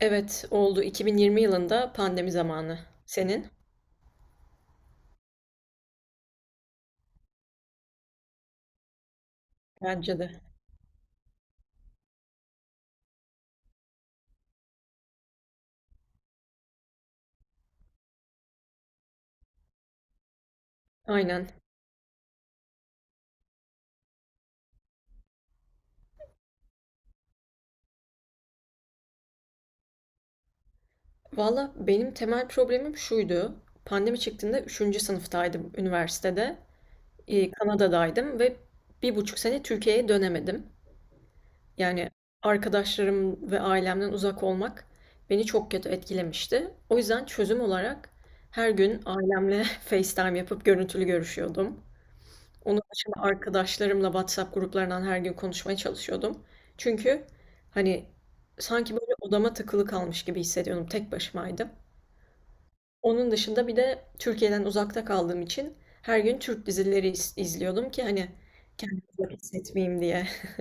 Evet, oldu. 2020 yılında pandemi zamanı. Senin? Bence de. Aynen. Valla benim temel problemim şuydu. Pandemi çıktığında üçüncü sınıftaydım üniversitede. Kanada'daydım ve bir buçuk sene Türkiye'ye dönemedim. Yani arkadaşlarım ve ailemden uzak olmak beni çok kötü etkilemişti. O yüzden çözüm olarak her gün ailemle FaceTime yapıp görüntülü görüşüyordum. Onun dışında arkadaşlarımla WhatsApp gruplarından her gün konuşmaya çalışıyordum. Çünkü hani sanki böyle odama tıkılı kalmış gibi hissediyordum. Tek başımaydım. Onun dışında bir de Türkiye'den uzakta kaldığım için her gün Türk dizileri izliyordum ki hani kendimi uzak hissetmeyeyim diye.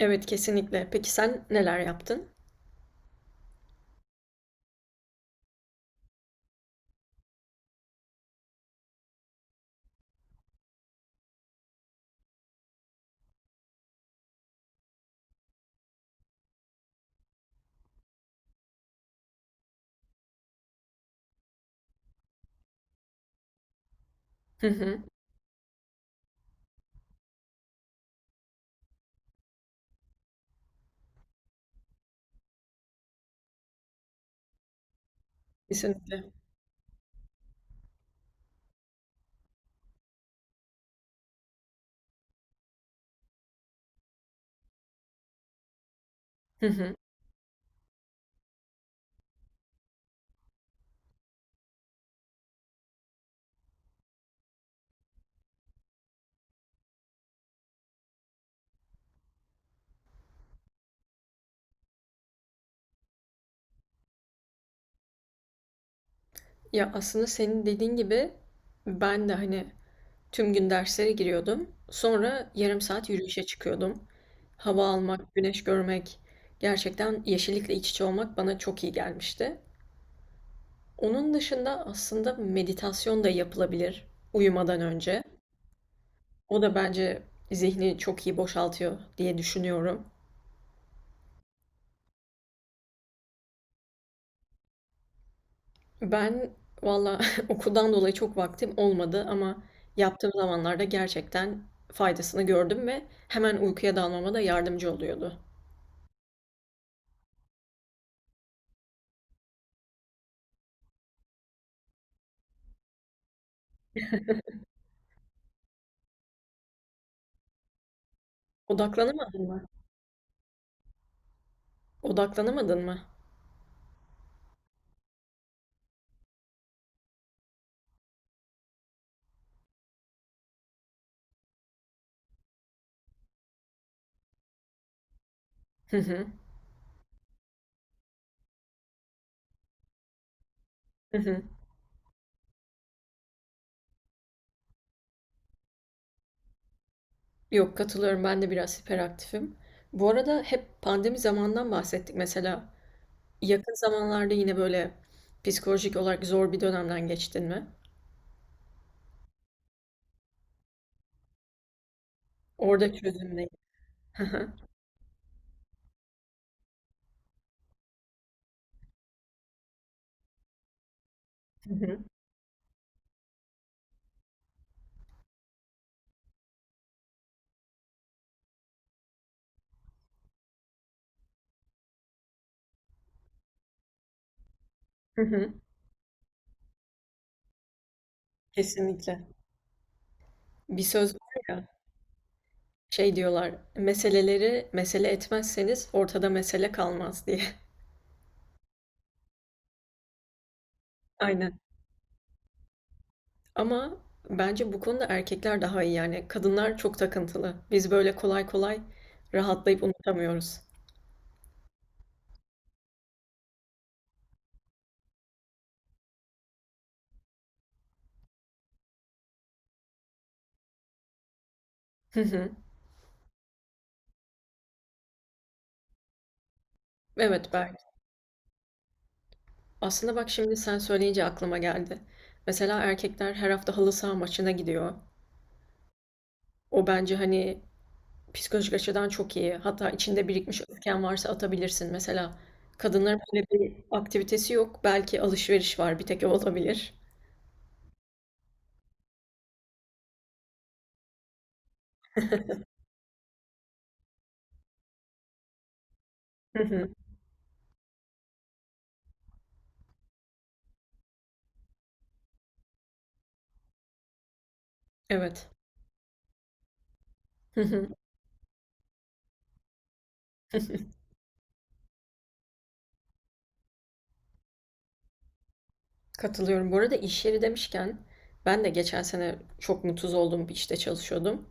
Evet kesinlikle. Peki sen neler yaptın? Hı hı. Kesinlikle. Hı hı. Ya aslında senin dediğin gibi ben de hani tüm gün derslere giriyordum. Sonra yarım saat yürüyüşe çıkıyordum. Hava almak, güneş görmek, gerçekten yeşillikle iç içe olmak bana çok iyi gelmişti. Onun dışında aslında meditasyon da yapılabilir uyumadan önce. O da bence zihni çok iyi boşaltıyor diye düşünüyorum. Ben valla okuldan dolayı çok vaktim olmadı ama yaptığım zamanlarda gerçekten faydasını gördüm ve hemen uykuya dalmama da yardımcı oluyordu. Odaklanamadım mı? Odaklanamadın mı? Hı hı. Hı hı. Yok, katılıyorum, ben de biraz hiperaktifim. Bu arada hep pandemi zamandan bahsettik mesela. Yakın zamanlarda yine böyle psikolojik olarak zor bir dönemden geçtin mi? Orada çözüm ne? Hı hı. Hı hı. Hı hı. Kesinlikle. Bir söz var ya, şey diyorlar, meseleleri mesele etmezseniz ortada mesele kalmaz diye. Aynen. Ama bence bu konuda erkekler daha iyi yani. Kadınlar çok takıntılı. Biz böyle kolay kolay rahatlayıp unutamıyoruz. Hı hı. Evet belki. Aslında bak şimdi sen söyleyince aklıma geldi. Mesela erkekler her hafta halı saha maçına gidiyor. O bence hani psikolojik açıdan çok iyi. Hatta içinde birikmiş öfken varsa atabilirsin. Mesela kadınların böyle bir aktivitesi yok. Belki alışveriş var. Bir tek o olabilir. Hı hı. Evet. Katılıyorum. Bu arada iş yeri demişken ben de geçen sene çok mutsuz olduğum bir işte çalışıyordum.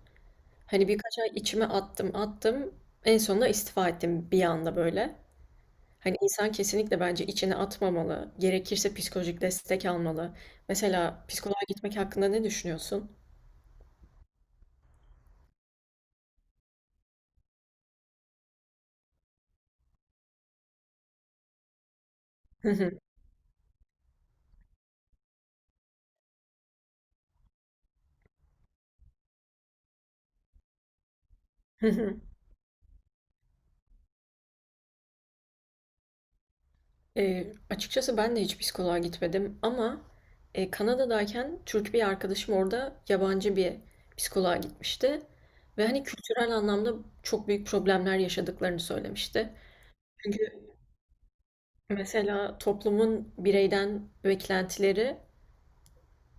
Hani birkaç ay içime attım attım. En sonunda istifa ettim bir anda böyle. Hani insan kesinlikle bence içine atmamalı. Gerekirse psikolojik destek almalı. Mesela psikoloğa gitmek hakkında ne düşünüyorsun? Açıkçası ben de hiç psikoloğa gitmedim ama Kanada'dayken Türk bir arkadaşım orada yabancı bir psikoloğa gitmişti. Ve hani kültürel anlamda çok büyük problemler yaşadıklarını söylemişti. Çünkü mesela toplumun bireyden beklentileri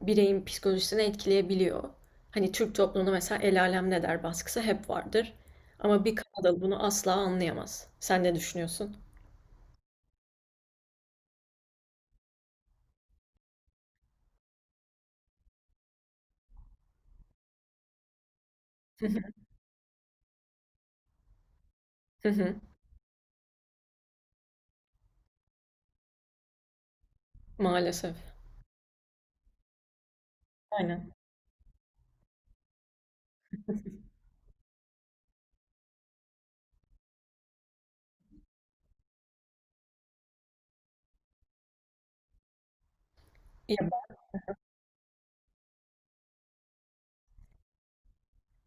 bireyin psikolojisini etkileyebiliyor. Hani Türk toplumunda mesela el alem ne der baskısı hep vardır. Ama bir Kanadalı bunu asla anlayamaz. Sen ne düşünüyorsun? Hı hı. Maalesef. Aynen. Ya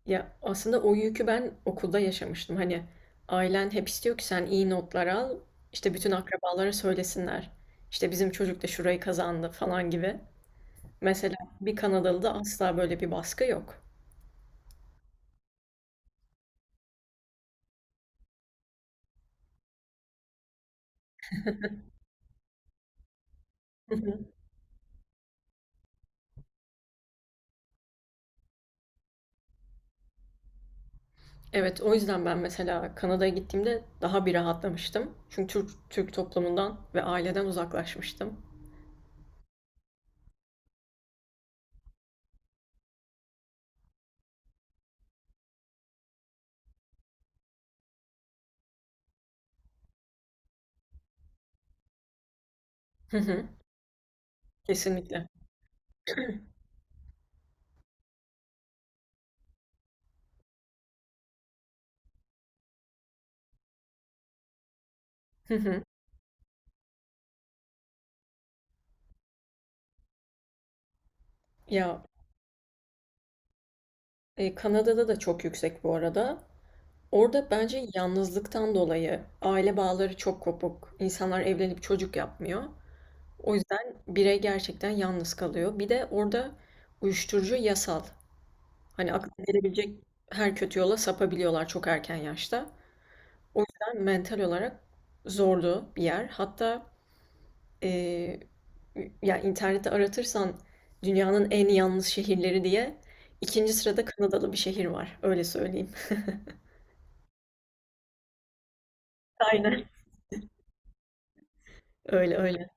Ya, aslında o yükü ben okulda yaşamıştım. Hani ailen hep istiyor ki sen iyi notlar al, işte bütün akrabalara söylesinler. İşte bizim çocuk da şurayı kazandı falan gibi. Mesela bir Kanadalı'da asla böyle bir baskı yok. Hı hı. Evet, o yüzden ben mesela Kanada'ya gittiğimde daha bir rahatlamıştım. Çünkü Türk, Türk toplumundan ve aileden uzaklaşmıştım. Hı hı, kesinlikle. Hı hı. Ya Kanada'da da çok yüksek bu arada. Orada bence yalnızlıktan dolayı aile bağları çok kopuk. İnsanlar evlenip çocuk yapmıyor. O yüzden birey gerçekten yalnız kalıyor. Bir de orada uyuşturucu yasal. Hani aklına gelebilecek her kötü yola sapabiliyorlar çok erken yaşta. O yüzden mental olarak zorlu bir yer. Hatta eee, ya internette aratırsan dünyanın en yalnız şehirleri diye ikinci sırada Kanadalı bir şehir var. Öyle söyleyeyim. Aynen. Öyle öyle.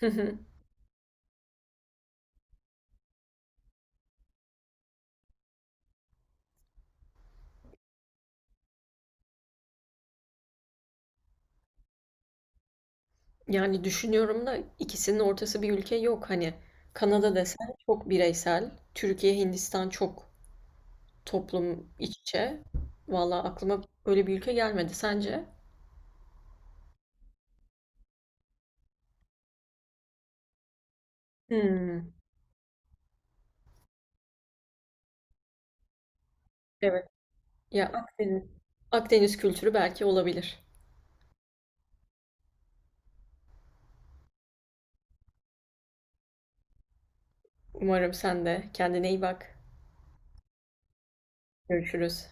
Yani düşünüyorum da ikisinin ortası bir ülke yok. Hani Kanada desen çok bireysel, Türkiye, Hindistan çok toplum iç içe. Valla aklıma böyle bir ülke gelmedi. Sence? Hmm, evet. Ya Akdeniz. Akdeniz kültürü belki olabilir. Umarım sen de kendine iyi bak. Görüşürüz.